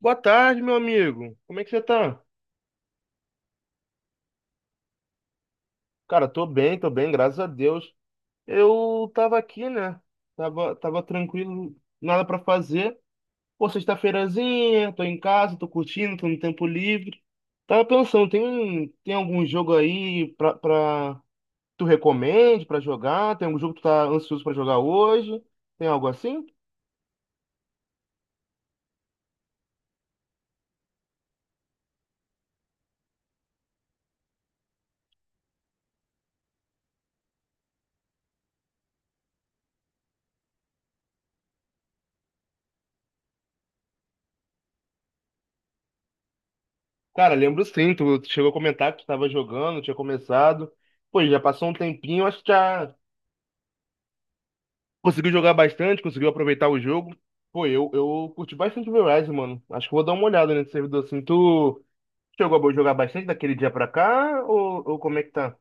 Boa tarde, meu amigo. Como é que você tá? Cara, tô bem, graças a Deus. Eu tava aqui, né? Tava tranquilo, nada pra fazer. Pô, sexta-feirazinha, tô em casa, tô curtindo, tô no tempo livre. Tava pensando, tem algum jogo aí pra tu recomende pra jogar? Tem algum jogo que tu tá ansioso pra jogar hoje? Tem algo assim? Cara, lembro sim, tu chegou a comentar que tu tava jogando, tinha começado. Pô, já passou um tempinho, acho que já. Conseguiu jogar bastante, conseguiu aproveitar o jogo. Pô, eu curti bastante o Verizon, mano. Acho que vou dar uma olhada nesse servidor assim. Tu chegou a jogar bastante daquele dia pra cá? Ou como é que tá?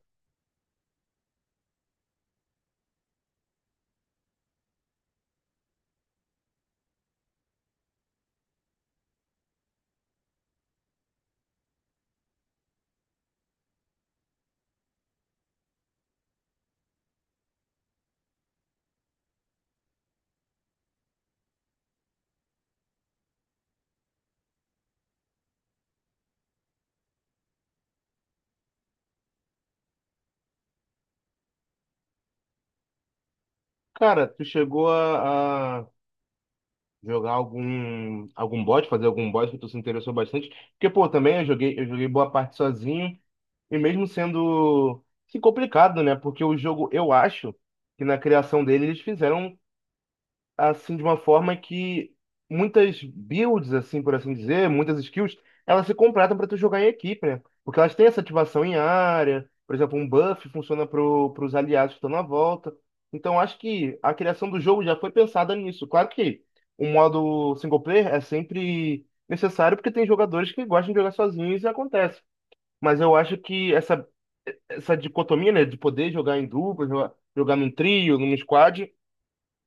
Cara, tu chegou a jogar algum bot que tu se interessou bastante? Porque, pô, também eu joguei boa parte sozinho. E mesmo sendo assim, complicado, né? Porque o jogo, eu acho que na criação dele eles fizeram assim de uma forma que muitas builds, assim por assim dizer, muitas skills, elas se completam para tu jogar em equipe, né? Porque elas têm essa ativação em área, por exemplo, um buff funciona para os aliados que estão na volta. Então acho que a criação do jogo já foi pensada nisso. Claro que o modo single player é sempre necessário porque tem jogadores que gostam de jogar sozinhos e acontece. Mas eu acho que essa dicotomia, né, de poder jogar em dupla, jogar num trio, num squad,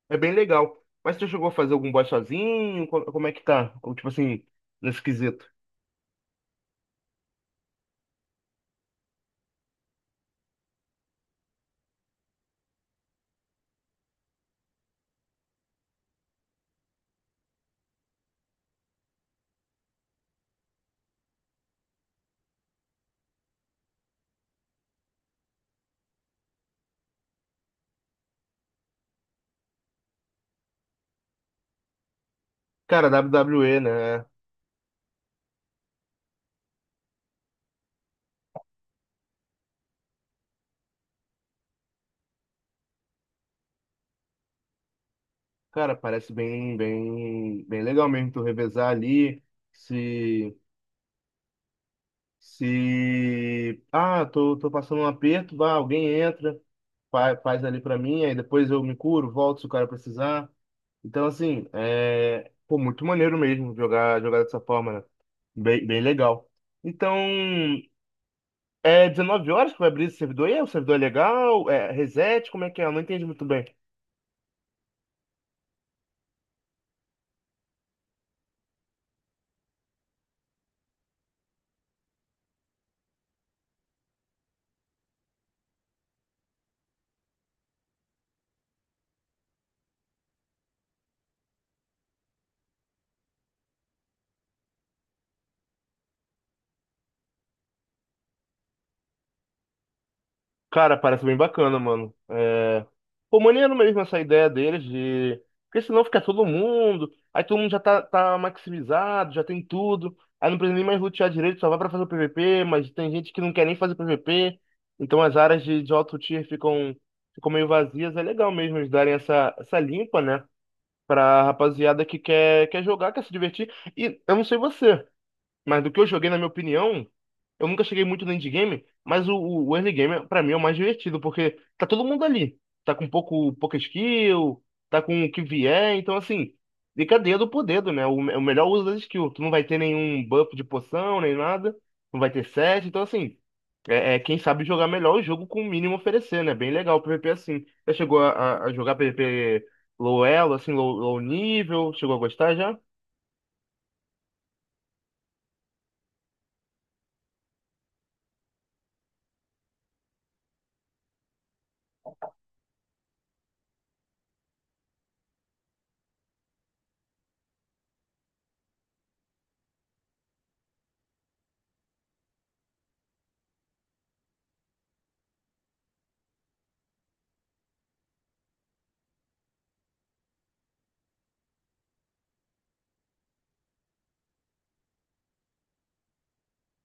é bem legal. Mas você chegou a fazer algum boss sozinho? Como é que tá? Ou, tipo assim, nesse quesito. Cara, WWE, né? Cara, parece bem, bem, bem legal mesmo tu revezar ali. Se, se, ah, tô passando um aperto, vá, alguém entra, faz, ali pra mim, aí depois eu me curo, volto se o cara precisar. Então, assim, é, pô, muito maneiro mesmo jogar dessa forma, né? Bem, bem legal. Então, é 19 horas que vai abrir esse servidor? O servidor é legal? É reset? Como é que é? Eu não entendi muito bem. Cara, parece bem bacana, mano. Pô, maneiro mesmo essa ideia deles de. Porque senão fica todo mundo. Aí todo mundo já tá maximizado, já tem tudo. Aí não precisa nem mais lutear direito, só vai pra fazer o PVP. Mas tem gente que não quer nem fazer PVP. Então as áreas de alto tier ficam meio vazias. É legal mesmo eles darem essa limpa, né? Pra rapaziada que quer jogar, quer se divertir. E eu não sei você. Mas do que eu joguei, na minha opinião, eu nunca cheguei muito no endgame, mas o early game, pra mim, é o mais divertido, porque tá todo mundo ali. Tá com pouca skill, tá com o que vier, então assim, fica dedo por dedo, né? O melhor uso das skills. Tu não vai ter nenhum buff de poção, nem nada, não vai ter set, então assim, é quem sabe jogar melhor o jogo com o mínimo oferecer, né? Bem legal o PvP assim. Já chegou a jogar PvP low elo, assim, low nível? Chegou a gostar já?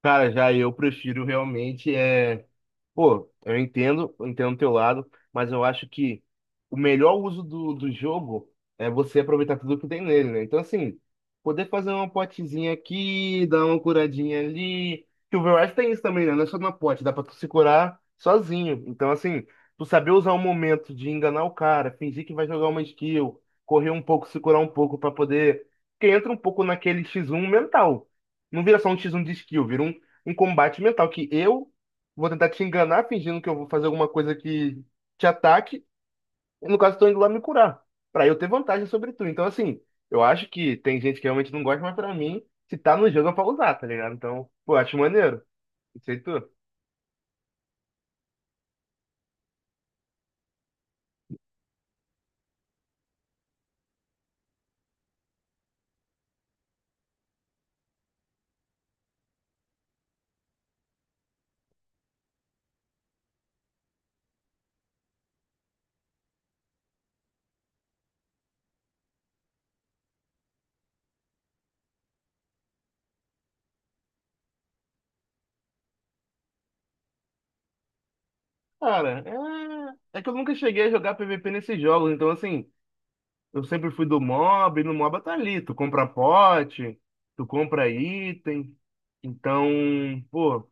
Cara, já eu prefiro realmente é. Pô, eu entendo o teu lado, mas eu acho que o melhor uso do jogo é você aproveitar tudo que tem nele, né? Então, assim, poder fazer uma potezinha aqui, dar uma curadinha ali. Que o Overwatch tem isso também, né? Não é só na pote, dá pra tu se curar sozinho. Então, assim, tu saber usar o momento de enganar o cara, fingir que vai jogar uma skill, correr um pouco, se curar um pouco pra poder. Porque entra um pouco naquele X1 mental. Não vira só um X1 de skill, vira um combate mental, que eu vou tentar te enganar fingindo que eu vou fazer alguma coisa que te ataque, e no caso, tô indo lá me curar, pra eu ter vantagem sobre tu. Então, assim, eu acho que tem gente que realmente não gosta, mas pra mim, se tá no jogo é pra usar, tá ligado? Então, pô, acho maneiro. Não sei tu. Cara, é que eu nunca cheguei a jogar PVP nesses jogos, então, assim, eu sempre fui do mob, e no mob tá ali, tu compra pote, tu compra item. Então, pô,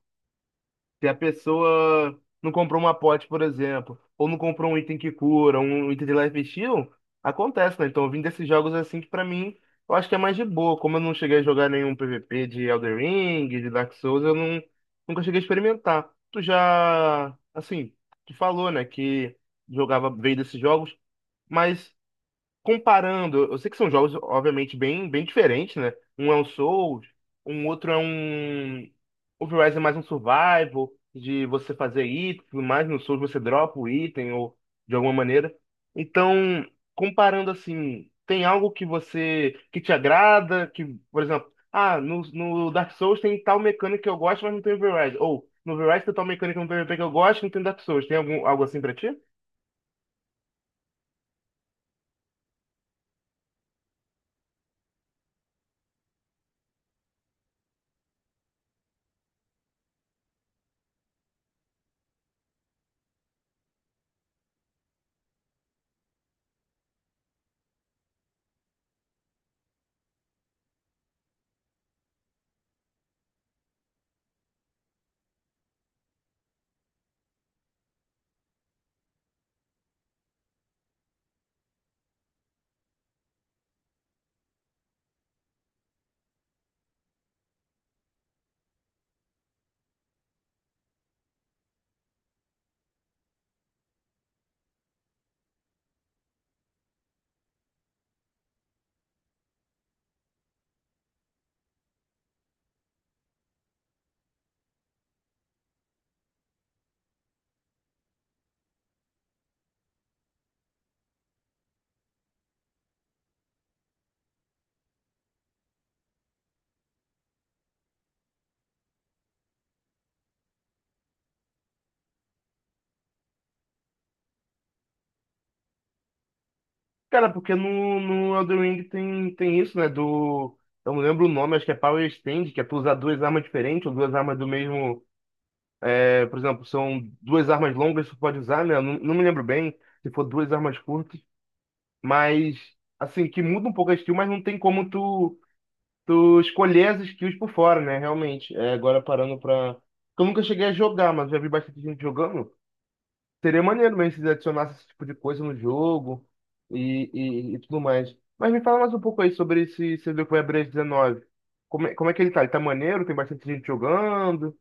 se a pessoa não comprou uma pote, por exemplo, ou não comprou um item que cura, um item de life steal, acontece, né? Então, eu vim desses jogos assim que pra mim, eu acho que é mais de boa. Como eu não cheguei a jogar nenhum PVP de Elden Ring, de Dark Souls, eu não, nunca cheguei a experimentar. Tu já, assim, tu falou, né, que jogava, veio desses jogos, mas comparando, eu sei que são jogos, obviamente, bem, bem diferentes, né? Um é um Souls, um outro é um. O Horizon é mais um survival, de você fazer itens, e tudo mais no Souls você dropa o item, ou de alguma maneira. Então, comparando assim, tem algo que você, que te agrada, que, por exemplo, ah, no Dark Souls tem tal mecânica que eu gosto, mas não tem no Horizon. Ou, no Horizon tem tal mecânica no PvP que eu gosto, não tem no Dark Souls. Tem algo assim pra ti? Cara, porque no Elden Ring tem isso, né? Do. Eu não lembro o nome, acho que é Power Stand, que é tu usar duas armas diferentes, ou duas armas do mesmo. É, por exemplo, são duas armas longas que tu pode usar, né? Eu não me lembro bem se for duas armas curtas, mas assim, que muda um pouco a skill, mas não tem como tu escolher as skills por fora, né? Realmente. É, agora parando pra. Eu nunca cheguei a jogar, mas já vi bastante gente jogando. Seria maneiro mesmo se eles adicionassem esse tipo de coisa no jogo e tudo mais. Mas me fala mais um pouco aí sobre esse CBQ Web 19. Como é que ele tá? Ele tá maneiro? Tem bastante gente jogando?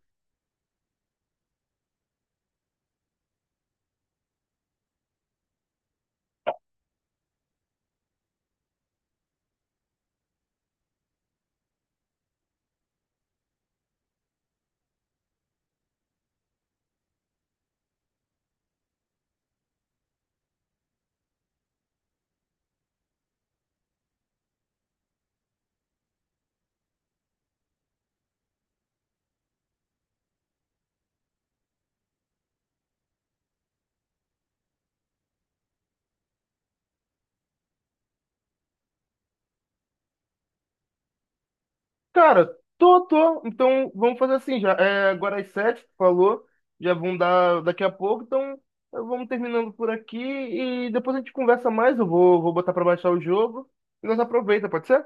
Cara, tô, tô. Então vamos fazer assim já. É, agora às sete, tu falou. Já vão dar daqui a pouco. Então vamos terminando por aqui e depois a gente conversa mais. Eu vou botar pra baixar o jogo e nós aproveita, pode ser?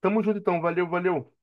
Tamo junto então. Valeu, valeu.